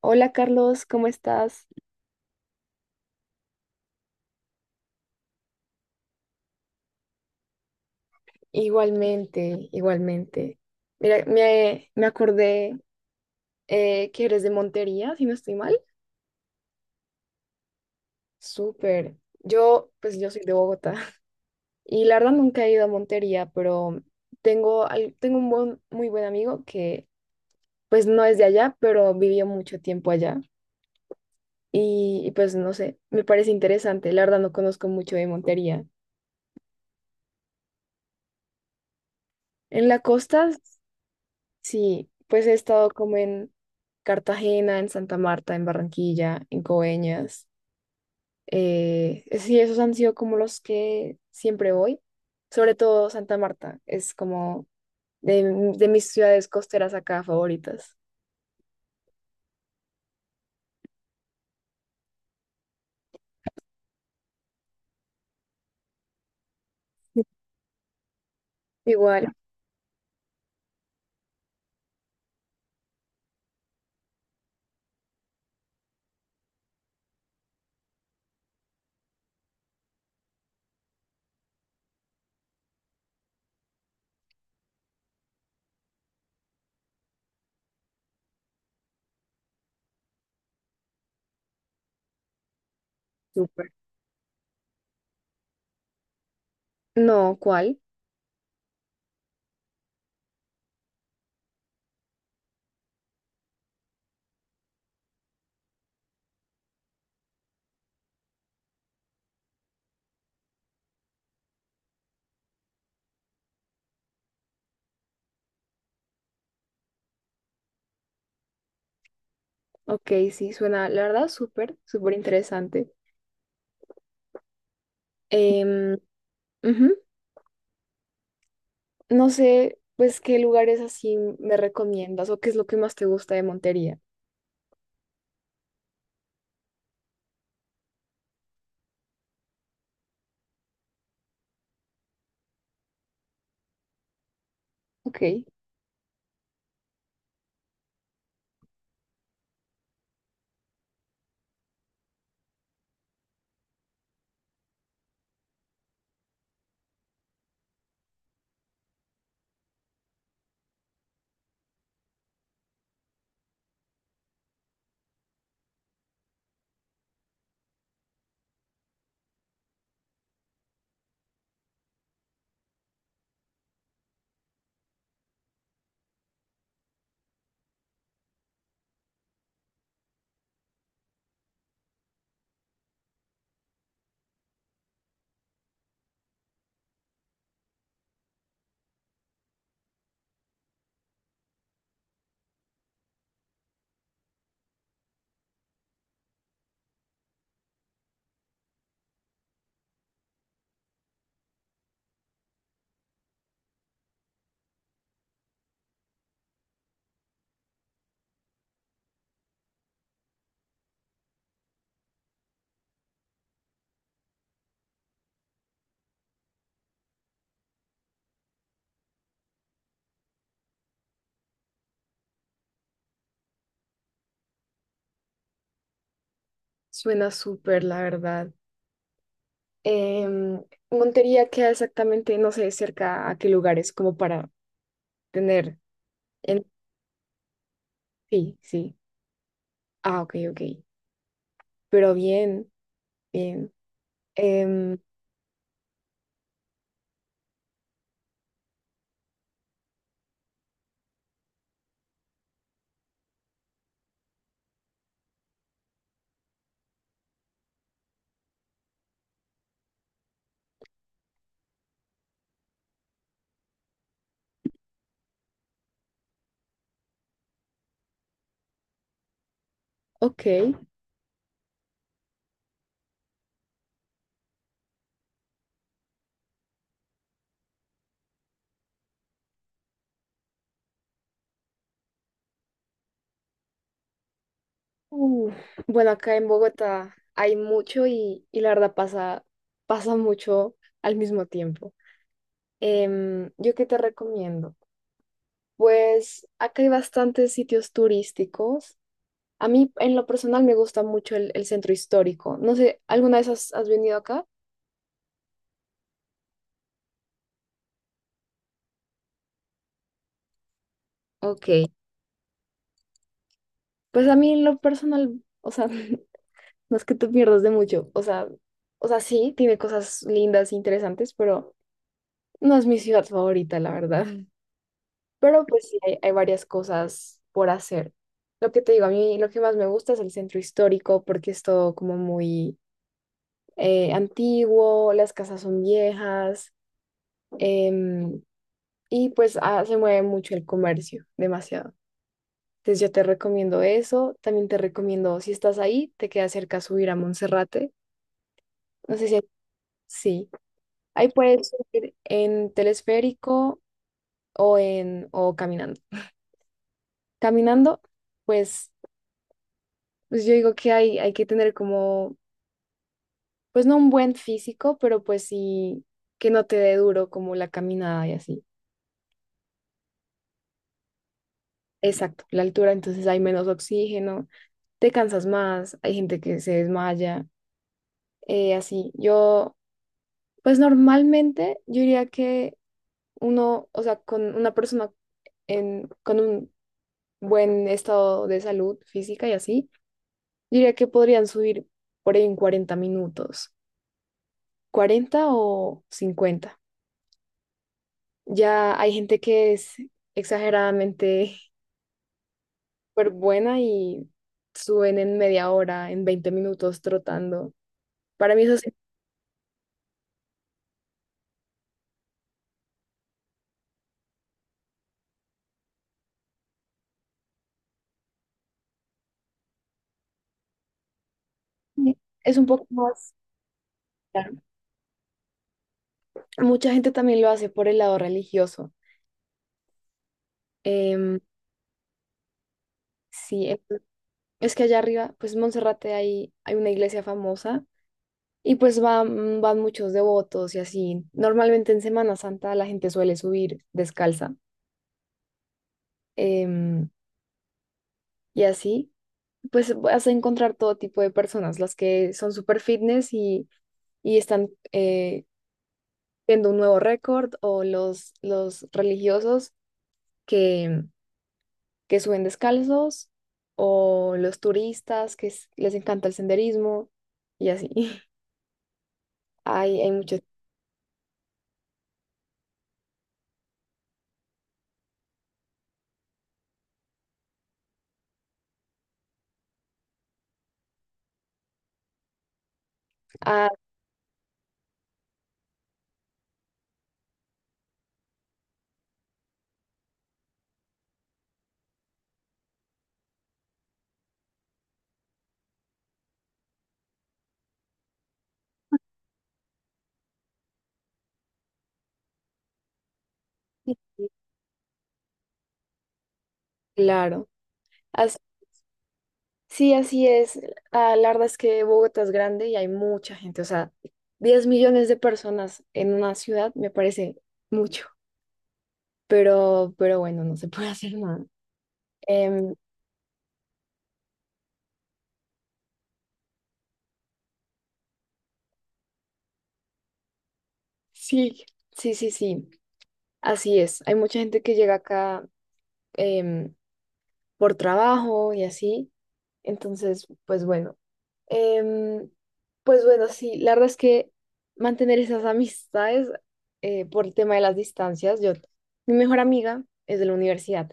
Hola Carlos, ¿cómo estás? Igualmente, igualmente. Mira, me acordé que eres de Montería, si no estoy mal. Súper. Pues yo soy de Bogotá y la verdad nunca he ido a Montería, pero tengo, al- tengo un buen- muy buen amigo que pues no es de allá, pero vivió mucho tiempo allá pues no sé, me parece interesante. La verdad no conozco mucho de Montería. En la costa, sí, pues he estado como en Cartagena, en Santa Marta, en Barranquilla, en Coveñas. Sí, esos han sido como los que siempre voy. Sobre todo Santa Marta, es como de, de mis ciudades costeras acá favoritas. Igual, súper. No, ¿cuál? Ok, sí, suena, la verdad, súper, súper interesante. Em, ujú. No sé, pues, qué lugares así me recomiendas o qué es lo que más te gusta de Montería. Ok. Suena súper, la verdad. Em, Montería queda exactamente, no sé, cerca a qué lugares, como para tener en... Sí, sí. Ah, ok, ok. Pero bien, bien. Em, ok. Uh, bueno, acá en Bogotá hay mucho y, pasa mucho al mismo tiempo. ¿Yo qué te recomiendo? Pues acá hay bastantes sitios turísticos. A mí, en lo personal, me gusta mucho el centro histórico. No sé, ¿alguna vez has venido acá? Ok. Pues a mí, en lo personal, o sea, no es que te pierdas de mucho. O sea, sí, tiene cosas lindas, interesantes, pero no es mi ciudad favorita, la verdad. Mm. Pero pues sí, hay varias cosas por hacer. Lo que te digo, a mí lo que más me gusta es el centro histórico porque es todo como muy antiguo, las casas son viejas. em, Y pues ah, se mueve mucho el comercio, demasiado. Entonces yo te recomiendo eso. También te recomiendo, si estás ahí, te queda cerca subir a Monserrate. No sé si hay- sí. Ahí puedes subir en telesférico o en o caminando. Caminando, pues, pues yo digo que hay que tener como, pues no un buen físico, pero pues sí que no te dé duro como la caminada y así. Exacto, la altura, entonces hay menos oxígeno, te cansas más, hay gente que se desmaya. eh, así, yo, pues normalmente yo diría que uno, o sea, con una persona con un buen estado de salud física y así, yo diría que podrían subir por ahí en 40 minutos, 40 o 50. Ya hay gente que es exageradamente súper buena y suben en media hora, en 20 minutos trotando. Para mí eso sí. Es un poco más... claro. Mucha gente también lo hace por el lado religioso. Em, Sí, es que allá arriba, pues Monserrate hay una iglesia famosa y pues van muchos devotos y así. Normalmente en Semana Santa la gente suele subir descalza, em, y así, pues vas a encontrar todo tipo de personas, las que son super fitness y están viendo un nuevo récord o los religiosos que, que suben descalzos o los turistas que les encanta el senderismo y así. Hay muchos. Ah, sí, claro. As- sí, así es. Ah, la verdad es que Bogotá es grande y hay mucha gente. O sea, 10 millones de personas en una ciudad me parece mucho. Pero bueno, no se puede hacer nada. Em, sí, sí, sí, sí. Así es. Hay mucha gente que llega acá, em, por trabajo y así. Entonces, pues bueno. Em, pues bueno, sí, la verdad es que mantener esas amistades, por el tema de las distancias, yo, mi mejor amiga es de la universidad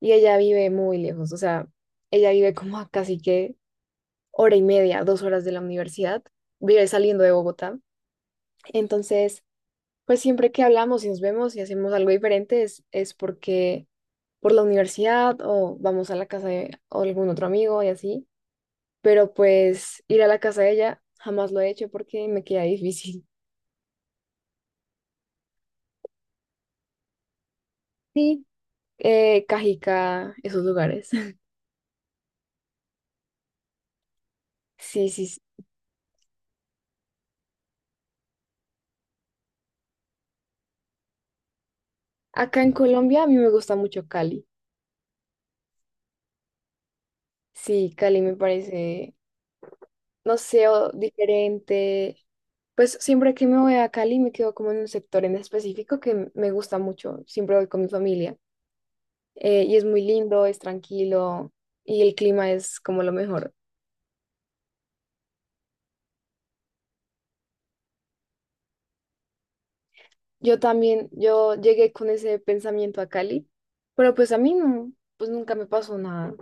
y ella vive muy lejos, o sea, ella vive como a casi que hora y media, 2 horas de la universidad, vive saliendo de Bogotá, entonces, pues siempre que hablamos y nos vemos y hacemos algo diferente es porque por la universidad o vamos a la casa de algún otro amigo y así, pero pues ir a la casa de ella jamás lo he hecho porque me queda difícil. Sí, Cajica, esos lugares. Sí, sí, sí. Acá en Colombia a mí me gusta mucho Cali. Sí, Cali me parece, no sé, diferente. Pues siempre que me voy a Cali me quedo como en un sector en específico que me gusta mucho. Siempre voy con mi familia. Y es muy lindo, es tranquilo y el clima es como lo mejor. Yo también, yo llegué con ese pensamiento a Cali, pero pues a mí no, pues nunca me pasó nada,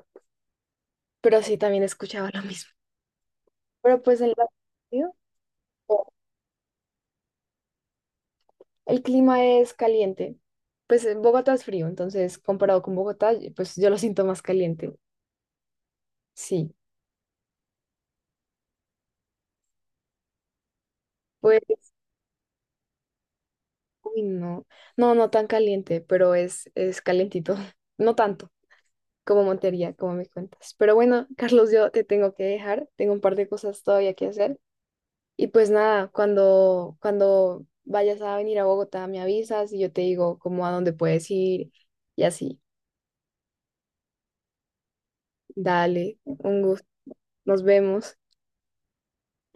pero sí también escuchaba lo mismo. Pero pues en la... ¿sí? El clima es caliente, pues en Bogotá es frío, entonces comparado con Bogotá, pues yo lo siento más caliente, sí. Pues, uy, no, no, no tan caliente, pero es calientito, no tanto como Montería, como me cuentas. Pero bueno, Carlos, yo te tengo que dejar, tengo un par de cosas todavía que hacer. Y pues nada, cuando vayas a venir a Bogotá, me avisas y yo te digo como a dónde puedes ir y así. Dale, un gusto. Nos vemos.